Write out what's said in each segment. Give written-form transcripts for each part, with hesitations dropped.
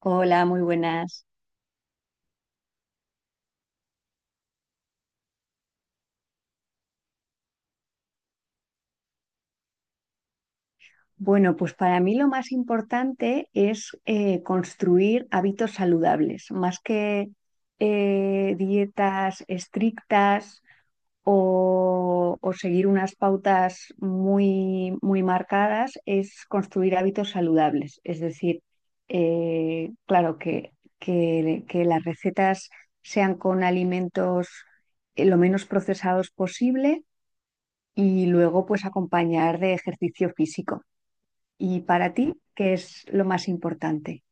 Hola, muy buenas. Bueno, pues para mí lo más importante es construir hábitos saludables, más que dietas estrictas o seguir unas pautas muy, muy marcadas, es construir hábitos saludables. Es decir, claro, que las recetas sean con alimentos lo menos procesados posible y luego pues acompañar de ejercicio físico. ¿Y para ti qué es lo más importante?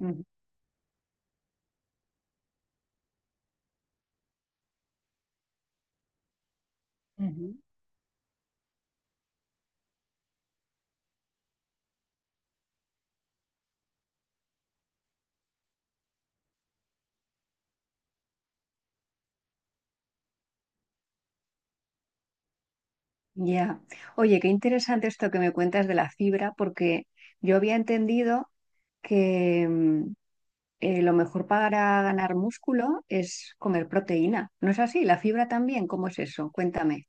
Ujú. Ujú. Ya. Oye, qué interesante esto que me cuentas de la fibra, porque yo había entendido que lo mejor para ganar músculo es comer proteína. ¿No es así? ¿La fibra también? ¿Cómo es eso? Cuéntame.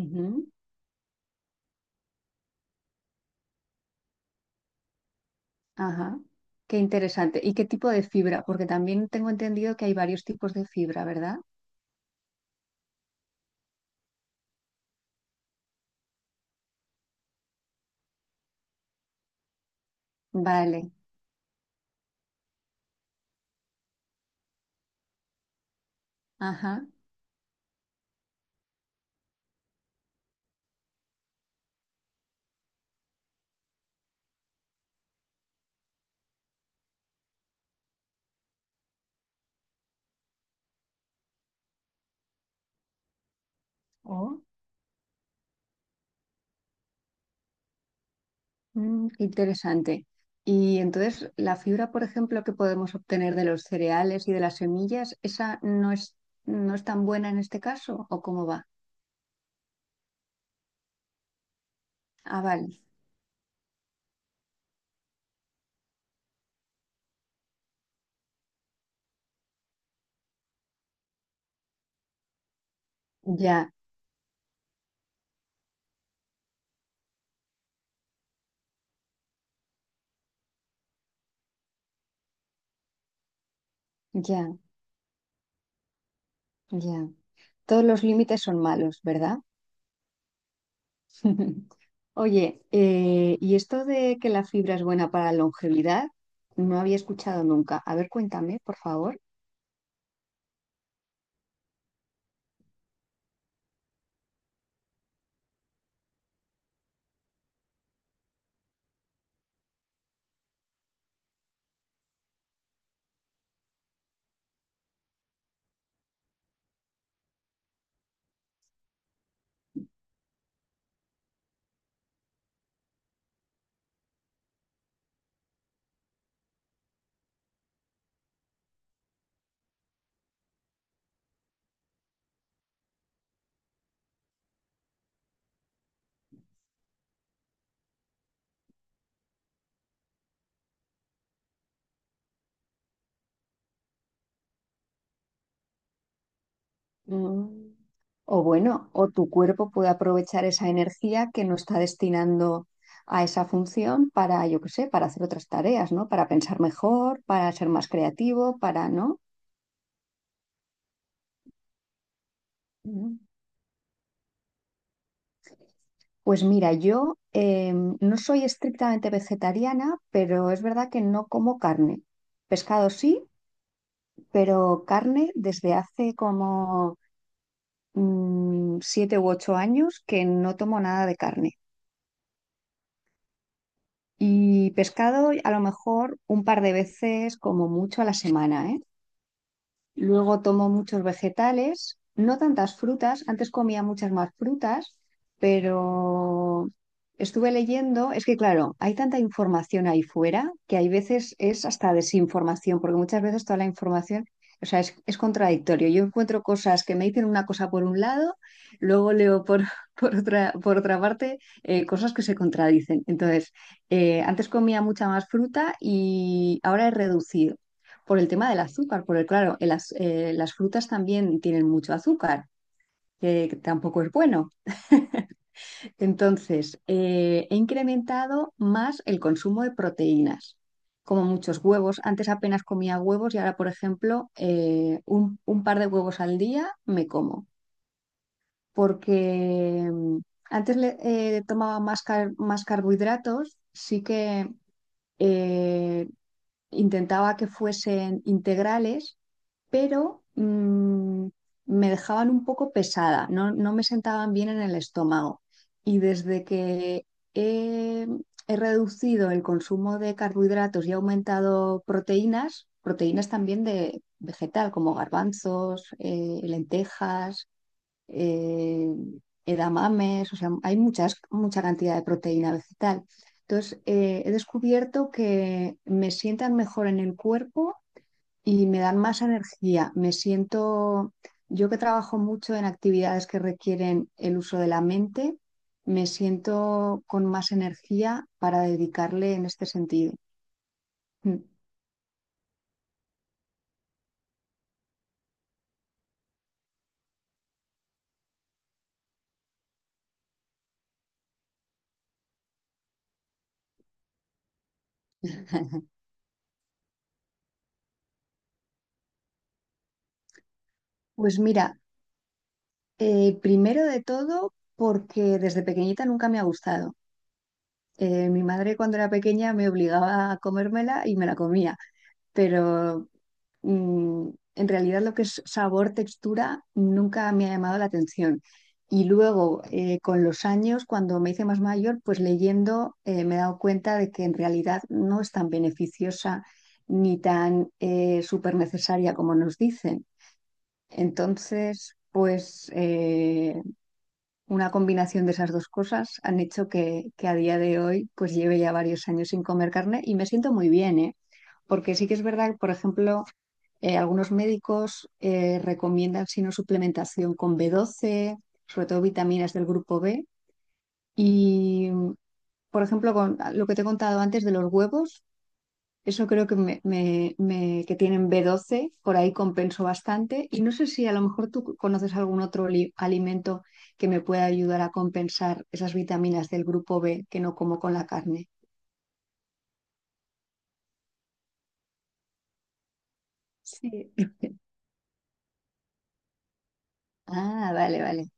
Ujú. Ajá. Qué interesante. ¿Y qué tipo de fibra? Porque también tengo entendido que hay varios tipos de fibra, ¿verdad? Vale. Ajá. Oh. Qué interesante. Y entonces, la fibra, por ejemplo, que podemos obtener de los cereales y de las semillas, ¿esa no es tan buena en este caso? ¿O cómo va? Ah, vale. Ya, ya, ya. Todos los límites son malos, ¿verdad? Oye, ¿y esto de que la fibra es buena para la longevidad? No había escuchado nunca. A ver, cuéntame, por favor. Mm. O bueno, o tu cuerpo puede aprovechar esa energía que no está destinando a esa función para, yo qué sé, para hacer otras tareas, ¿no? Para pensar mejor, para ser más creativo, para, ¿no? Mm. Pues mira, yo no soy estrictamente vegetariana, pero es verdad que no como carne. Pescado sí, pero carne desde hace como 7 u 8 años que no tomo nada de carne. Y pescado a lo mejor un par de veces como mucho a la semana, ¿eh? Luego tomo muchos vegetales, no tantas frutas, antes comía muchas más frutas, pero estuve leyendo, es que claro, hay tanta información ahí fuera que hay veces es hasta desinformación, porque muchas veces toda la información, o sea, es contradictorio. Yo encuentro cosas que me dicen una cosa por un lado, luego leo por, por otra parte cosas que se contradicen. Entonces, antes comía mucha más fruta y ahora he reducido por el tema del azúcar, porque claro, las frutas también tienen mucho azúcar, que tampoco es bueno. Entonces, he incrementado más el consumo de proteínas, como muchos huevos. Antes apenas comía huevos y ahora, por ejemplo, un par de huevos al día me como, porque antes tomaba más carbohidratos, sí que... eh, intentaba que fuesen integrales, pero me dejaban un poco pesada, no, no me sentaban bien en el estómago. Y desde que he, he reducido el consumo de carbohidratos y he aumentado proteínas, proteínas también de vegetal, como garbanzos, lentejas, eh, edamames, o sea, hay muchas, mucha cantidad de proteína vegetal. Entonces, he descubierto que me sientan mejor en el cuerpo y me dan más energía. Me siento, yo que trabajo mucho en actividades que requieren el uso de la mente, me siento con más energía para dedicarle en este sentido. Mm. Pues mira, primero de todo, porque desde pequeñita nunca me ha gustado. Mi madre cuando era pequeña me obligaba a comérmela y me la comía, pero mm, en realidad lo que es sabor, textura, nunca me ha llamado la atención. Y luego, con los años, cuando me hice más mayor, pues leyendo me he dado cuenta de que en realidad no es tan beneficiosa ni tan súper necesaria como nos dicen. Entonces, pues una combinación de esas dos cosas han hecho que a día de hoy pues lleve ya varios años sin comer carne y me siento muy bien, ¿eh? Porque sí que es verdad que, por ejemplo, algunos médicos recomiendan sino suplementación con B12 sobre todo vitaminas del grupo B. Y, por ejemplo, con lo que te he contado antes de los huevos, eso creo que, me- me- que tienen B12, por ahí compenso bastante. Y no sé si a lo mejor tú conoces algún otro alimento que me pueda ayudar a compensar esas vitaminas del grupo B que no como con la carne. Sí. Ah, vale, vale.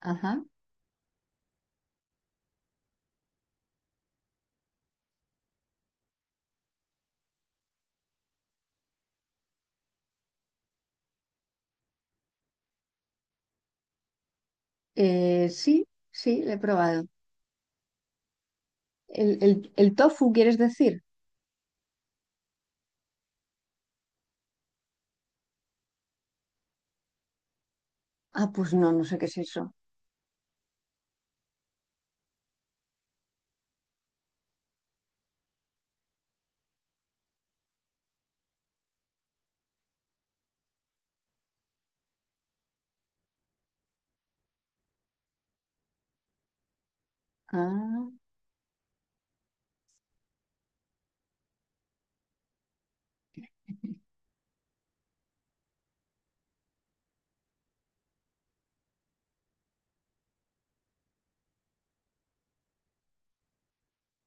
Ajá. Sí, sí, lo he probado. ¿El tofu, quieres decir? Ah, pues no, no sé qué es eso. Ah,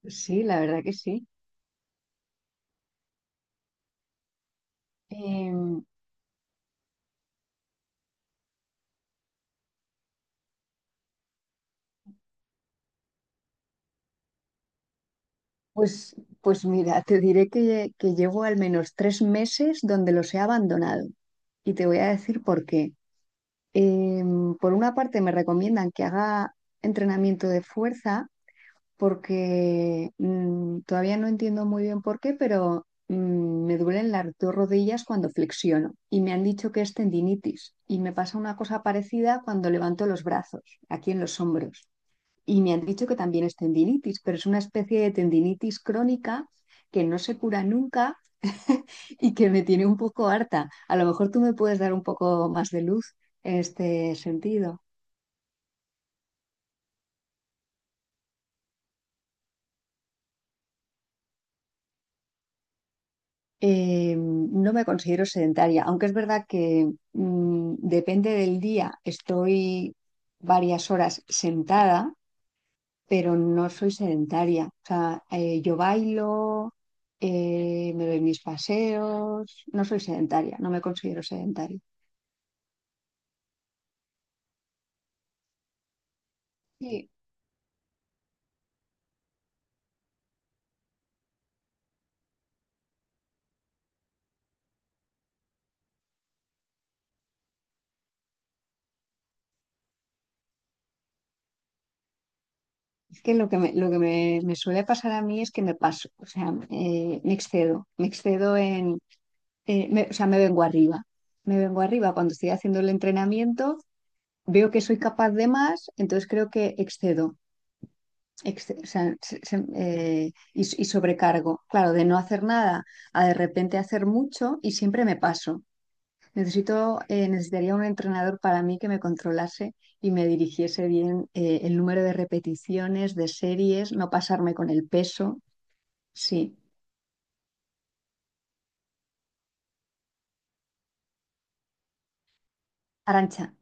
sí, la verdad que sí. Eh, Pues, pues mira, te diré que llevo al menos 3 meses donde los he abandonado y te voy a decir por qué. Por una parte me recomiendan que haga entrenamiento de fuerza porque todavía no entiendo muy bien por qué, pero me duelen las dos rodillas cuando flexiono y me han dicho que es tendinitis y me pasa una cosa parecida cuando levanto los brazos, aquí en los hombros. Y me han dicho que también es tendinitis, pero es una especie de tendinitis crónica que no se cura nunca y que me tiene un poco harta. A lo mejor tú me puedes dar un poco más de luz en este sentido. No me considero sedentaria, aunque es verdad que depende del día, estoy varias horas sentada, pero no soy sedentaria. O sea, yo bailo, me doy mis paseos, no soy sedentaria, no me considero sedentaria. Sí, es que lo que me, me suele pasar a mí es que me paso, o sea, me excedo en, o sea, me vengo arriba cuando estoy haciendo el entrenamiento, veo que soy capaz de más, entonces creo que excedo, o sea, y sobrecargo, claro, de no hacer nada a de repente hacer mucho y siempre me paso. Necesitaría un entrenador para mí que me controlase y me dirigiese bien el número de repeticiones, de series, no pasarme con el peso. Sí. Arancha,